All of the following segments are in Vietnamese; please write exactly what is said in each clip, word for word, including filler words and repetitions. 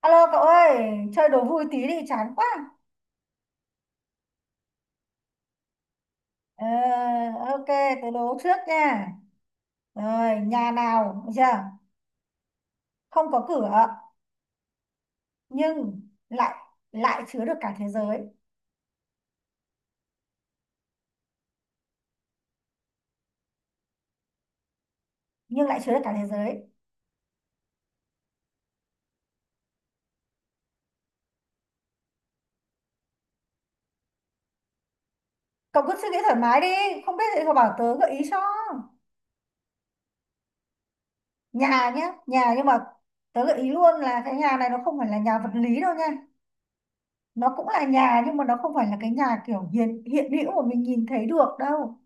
Alo cậu ơi, chơi đố vui tí đi chán quá. Ờ, ok, tớ đố trước nha. Rồi, nhà nào, được chưa? Không có cửa nhưng lại lại chứa được cả thế giới, nhưng lại chứa được cả thế giới. Cậu cứ suy nghĩ thoải mái đi, không biết thì cậu bảo tớ gợi ý cho. Nhà nhá, nhà nhưng mà tớ gợi ý luôn là cái nhà này nó không phải là nhà vật lý đâu nha. Nó cũng là nhà nhưng mà nó không phải là cái nhà kiểu hiện hiện hữu mà mình nhìn thấy được đâu.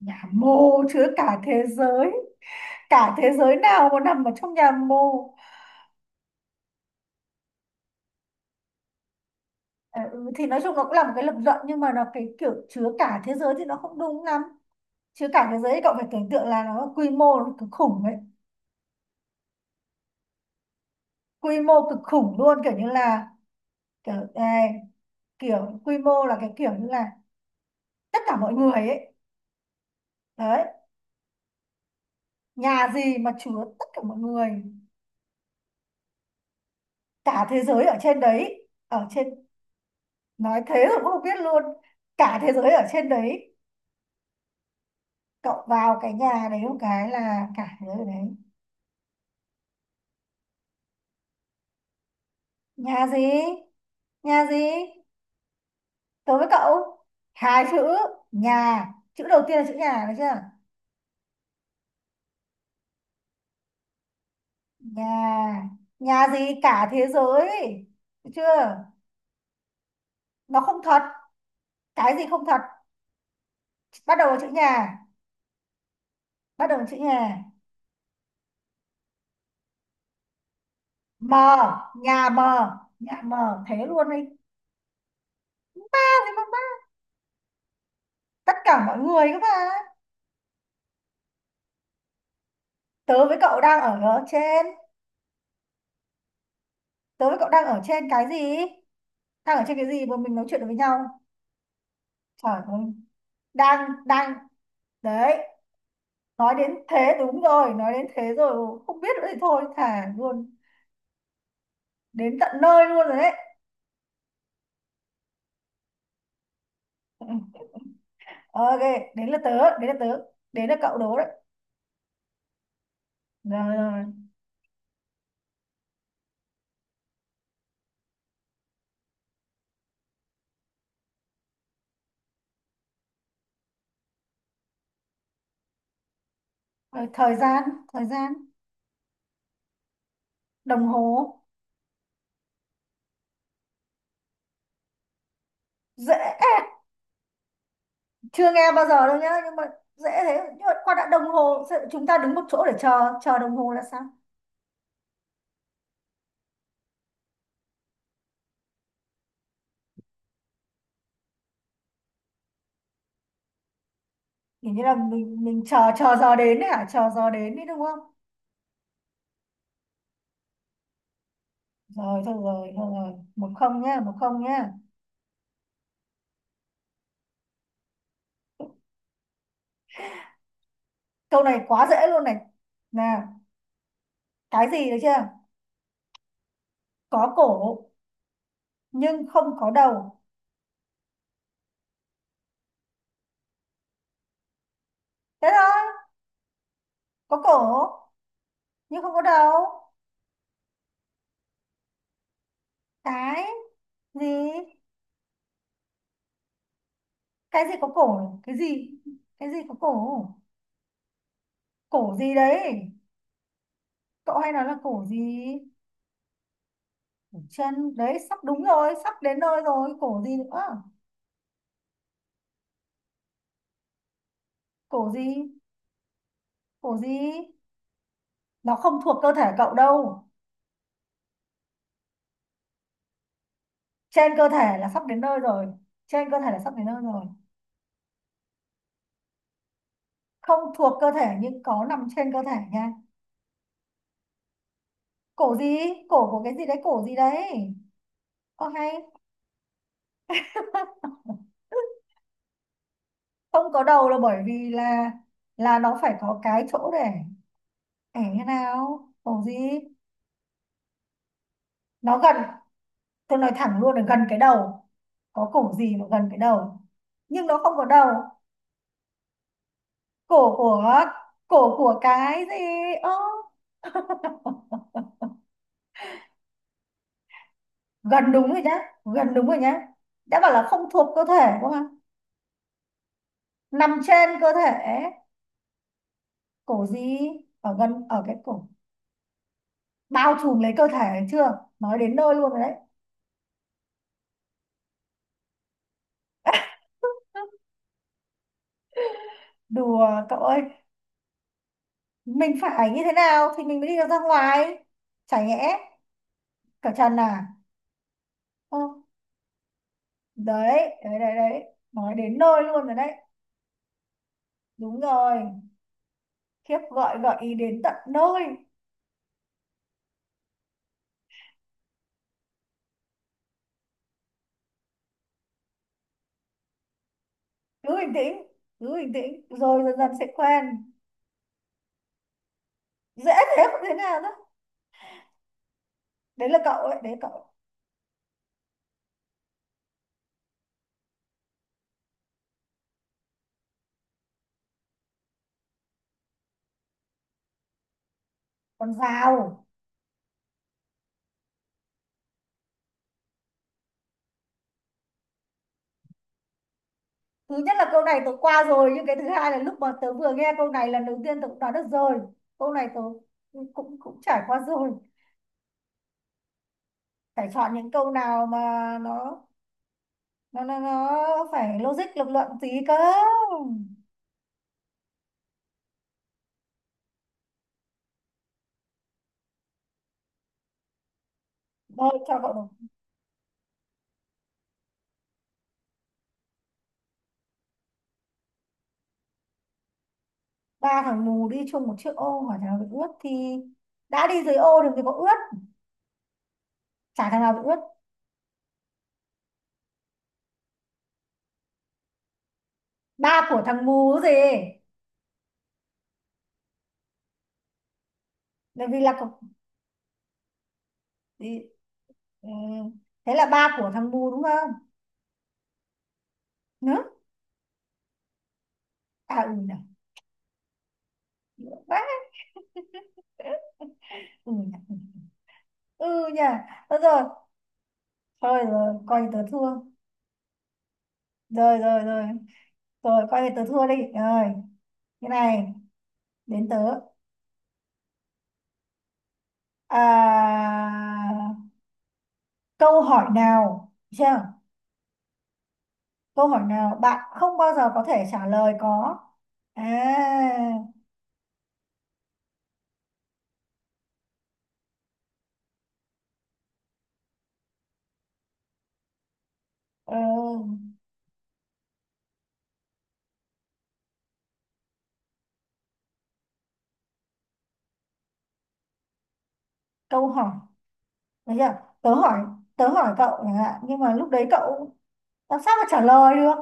Nhà mô chứa cả thế giới. Cả thế giới nào mà nằm ở trong nhà mồ? Ờ, ừ, thì nói chung nó cũng là một cái lập luận nhưng mà nó cái kiểu chứa cả thế giới thì nó không đúng lắm. Chứa cả thế giới thì cậu phải tưởng tượng là nó quy mô nó cực khủng ấy, quy mô cực khủng luôn, kiểu như là kiểu này, kiểu quy mô là cái kiểu như là tất cả mọi người ấy, đấy, nhà gì mà chứa tất cả mọi người, cả thế giới ở trên đấy, ở trên. Nói thế rồi cũng không biết luôn. Cả thế giới ở trên đấy, cậu vào cái nhà đấy một cái là cả thế giới ở đấy. Nhà gì? Nhà gì? Tớ với cậu. Hai chữ. Nhà. Chữ đầu tiên là chữ nhà, được chưa? Nhà. Nhà gì cả thế giới. Được chưa? Nó không thật. Cái gì không thật? Bắt đầu bằng chữ nhà. Bắt đầu bằng chữ nhà. Mờ. Nhà mờ. Nhà mờ. Thế luôn đi. À, thế mà bắt. Tất cả mọi người các bạn. Tớ với cậu đang ở ở trên. Tớ với cậu đang ở trên cái gì? Đang ở trên cái gì mà mình nói chuyện được với nhau? Trời ơi. Đang, đang. Đấy. Nói đến thế đúng rồi, nói đến thế rồi không biết nữa thì thôi thả luôn, đến tận nơi luôn rồi đấy. Ờ, ok. Đến là tớ đến là tớ đến là cậu đố đấy. Rồi, rồi. Rồi, Ờ, thời gian thời gian đồng hồ. Dễ. Chưa nghe bao giờ đâu nhá nhưng mà dễ thế, nhưng mà qua đã đồng hồ sợ chúng ta đứng một chỗ để chờ chờ đồng hồ là sao? Kiểu như là mình mình chờ chờ giờ đến đấy hả, chờ giờ đến đấy đúng không? Rồi thôi rồi thôi rồi một không nhá, một không nhá. Câu này quá dễ luôn này, nè, cái gì được chưa? Có cổ nhưng không có đầu. Thế thôi. Có cổ nhưng không có đầu. Cái gì? Cái gì có cổ? Cái gì? Cái gì có cổ? Cổ gì đấy? Cậu hay nói là cổ gì? Cổ chân đấy, sắp đúng rồi, sắp đến nơi rồi. Cổ gì nữa? Cổ gì? Cổ gì? Nó không thuộc cơ thể cậu đâu. Trên cơ thể là sắp đến nơi rồi. Trên cơ thể là sắp đến nơi rồi. Không thuộc cơ thể nhưng có nằm trên cơ thể nha. Cổ gì? Cổ của cái gì đấy? Cổ gì đấy? Ok. Không có đầu là bởi vì là là nó phải có cái chỗ để để thế nào. Cổ gì? Nó gần, tôi nói thẳng luôn là gần cái đầu. Có cổ gì mà gần cái đầu nhưng nó không có đầu? Cổ của, cổ của cái gì? Ơ, gần đúng rồi nhá, gần đúng rồi nhá. Đã bảo là không thuộc cơ thể đúng không? Nằm trên cơ thể. Cổ gì? Ở gần, ở cái cổ, bao trùm lấy cơ thể, chưa nói đến nơi luôn rồi đấy. Đùa cậu ơi, mình phải như thế nào thì mình mới đi được ra ngoài? Chả nhẽ cởi trần à? Ơ, đấy, đấy đấy đấy, nói đến nơi luôn rồi đấy. Đúng rồi. Khiếp, gọi gợi ý đến tận nơi. Cứ bình tĩnh, cứ bình tĩnh rồi dần dần sẽ quen. Dễ thế, không thế nào đó, đấy là cậu ấy đấy cậu. Còn giàu. Thứ nhất là câu này tớ qua rồi, nhưng cái thứ hai là lúc mà tớ vừa nghe câu này lần đầu tiên tớ cũng đoán được rồi. Câu này tớ cũng cũng cũng trải qua rồi. Phải chọn những câu nào mà nó nó nó nó phải logic lập luận tí cơ. Thôi cho cậu được. Ba thằng mù đi chung một chiếc ô hỏi thằng nào bị ướt thì đã đi dưới ô đừng thì có ướt, chả thằng nào bị ướt. Ba của thằng mù gì? Bởi vì là cậu thì, ừ, thế là ba của thằng mù đúng không nữa. À ừ nhỉ. Vãi, ừ nhỉ, ừ nhỉ. Thôi rồi, thôi rồi coi như tớ thua. Rồi rồi rồi, rồi coi như tớ thua đi rồi. Cái này, đến tớ. À, câu hỏi nào, chưa, câu hỏi nào bạn không bao giờ có thể trả lời có. À, ừ, câu hỏi, được chưa? Tớ hỏi, tớ hỏi cậu chẳng hạn nhưng mà lúc đấy cậu làm sao mà trả lời được.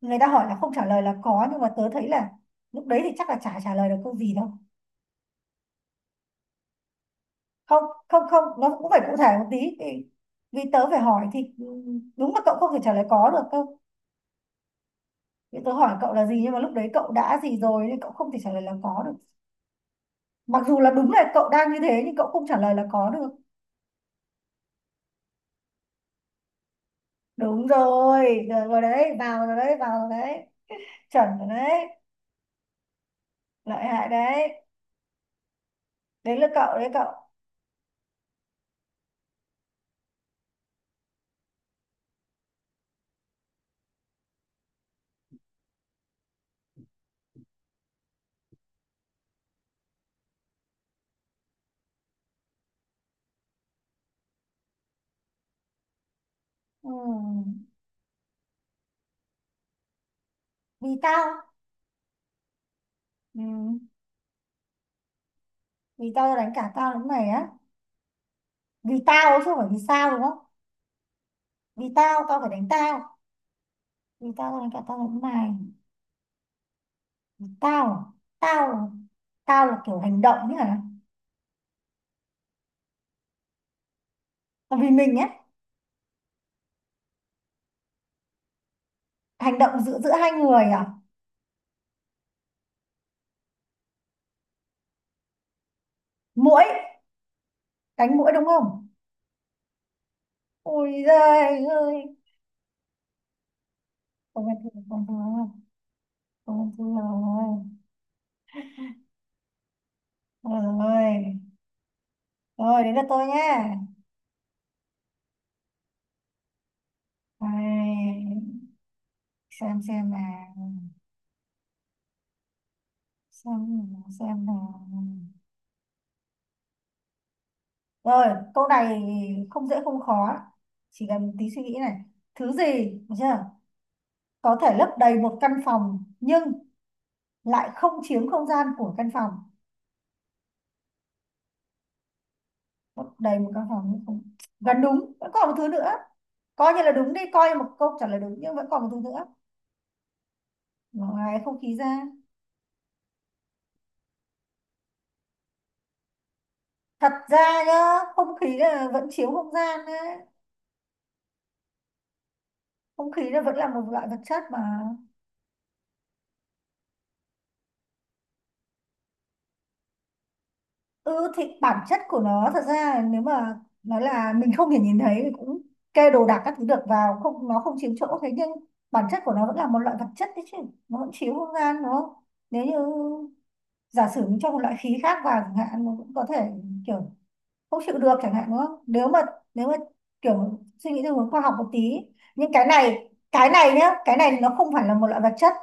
Người ta hỏi là không trả lời là có nhưng mà tớ thấy là lúc đấy thì chắc là chả trả lời được câu gì đâu. Không, không không nó cũng phải cụ thể một tí vì, vì tớ phải hỏi thì ừ, đúng là cậu không thể trả lời có được cơ. Vì tớ hỏi cậu là gì nhưng mà lúc đấy cậu đã gì rồi nên cậu không thể trả lời là có được, mặc dù là đúng là cậu đang như thế nhưng cậu không trả lời là có được. Đúng rồi, rồi, rồi đấy vào rồi đấy, vào rồi đấy, chuẩn rồi đấy. Lợi hại đấy, đấy là cậu đấy cậu. Ừ. Vì tao. Ừ. Vì tao đánh cả tao lẫn mày á? Vì tao chứ không phải vì sao đúng không? Vì tao tao phải đánh tao. Vì tao tao đánh cả tao lẫn mày. Vì tao à? Tao là- tao là kiểu hành động nhỉ. Còn vì mình á. Hành động giữa giữa hai người à? Muỗi. Đánh muỗi đúng không? Ôi giời ơi. Tôi bình thường, bình thường, tôi bình thường rồi. Rồi, rồi đến lượt tôi nhé. xem xem nào, xem nào, xem nào. Rồi, câu này không dễ không khó, chỉ cần tí suy nghĩ này. Thứ gì, được chưa? Có thể lấp đầy một căn phòng nhưng lại không chiếm không gian của căn phòng. Lấp đầy một căn phòng nhưng không... Gần đúng, vẫn còn một thứ nữa. Coi như là đúng đi, coi như một câu trả lời đúng nhưng vẫn còn một thứ nữa. Ngoài không khí ra. Thật ra nhá, không khí là vẫn chiếu không gian đấy. Không khí là vẫn là một loại vật chất mà. Ừ thì bản chất của nó thật ra là nếu mà nói là mình không thể nhìn thấy thì cũng kê đồ đạc các thứ được vào, không nó không chiếm chỗ, thế nhưng bản chất của nó vẫn là một loại vật chất đấy chứ, nó vẫn chiếu không gian đúng không? Nếu như giả sử mình cho một loại khí khác vào chẳng hạn nó cũng có thể kiểu không chịu được chẳng hạn đúng không? Nếu mà nếu mà kiểu suy nghĩ theo hướng khoa học một tí. Nhưng cái này, cái này nhá cái này nó không phải là một loại vật chất,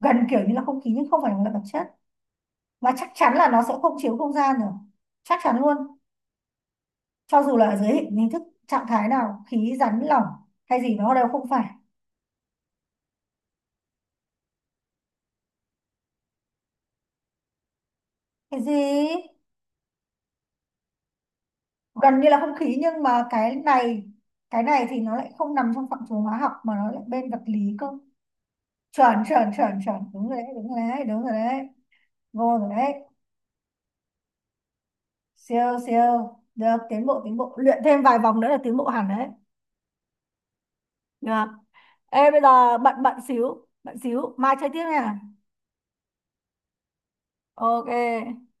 gần kiểu như là không khí nhưng không phải là vật chất, và chắc chắn là nó sẽ không chiếu không gian rồi, chắc chắn luôn, cho dù là ở dưới hình hình thức trạng thái nào, khí rắn lỏng hay gì nó đều không phải. Cái gì gần như là không khí nhưng mà cái này, cái này thì nó lại không nằm trong phạm trù hóa học mà nó lại bên vật lý cơ. Chuẩn chuẩn chuẩn chuẩn đúng rồi đấy, đúng rồi đấy, đúng rồi đấy, vô rồi đấy. Siêu siêu được, tiến bộ tiến bộ luyện thêm vài vòng nữa là tiến bộ hẳn đấy. Được. Ê bây giờ bận, bận xíu bận xíu mai chơi tiếp nha. Ok.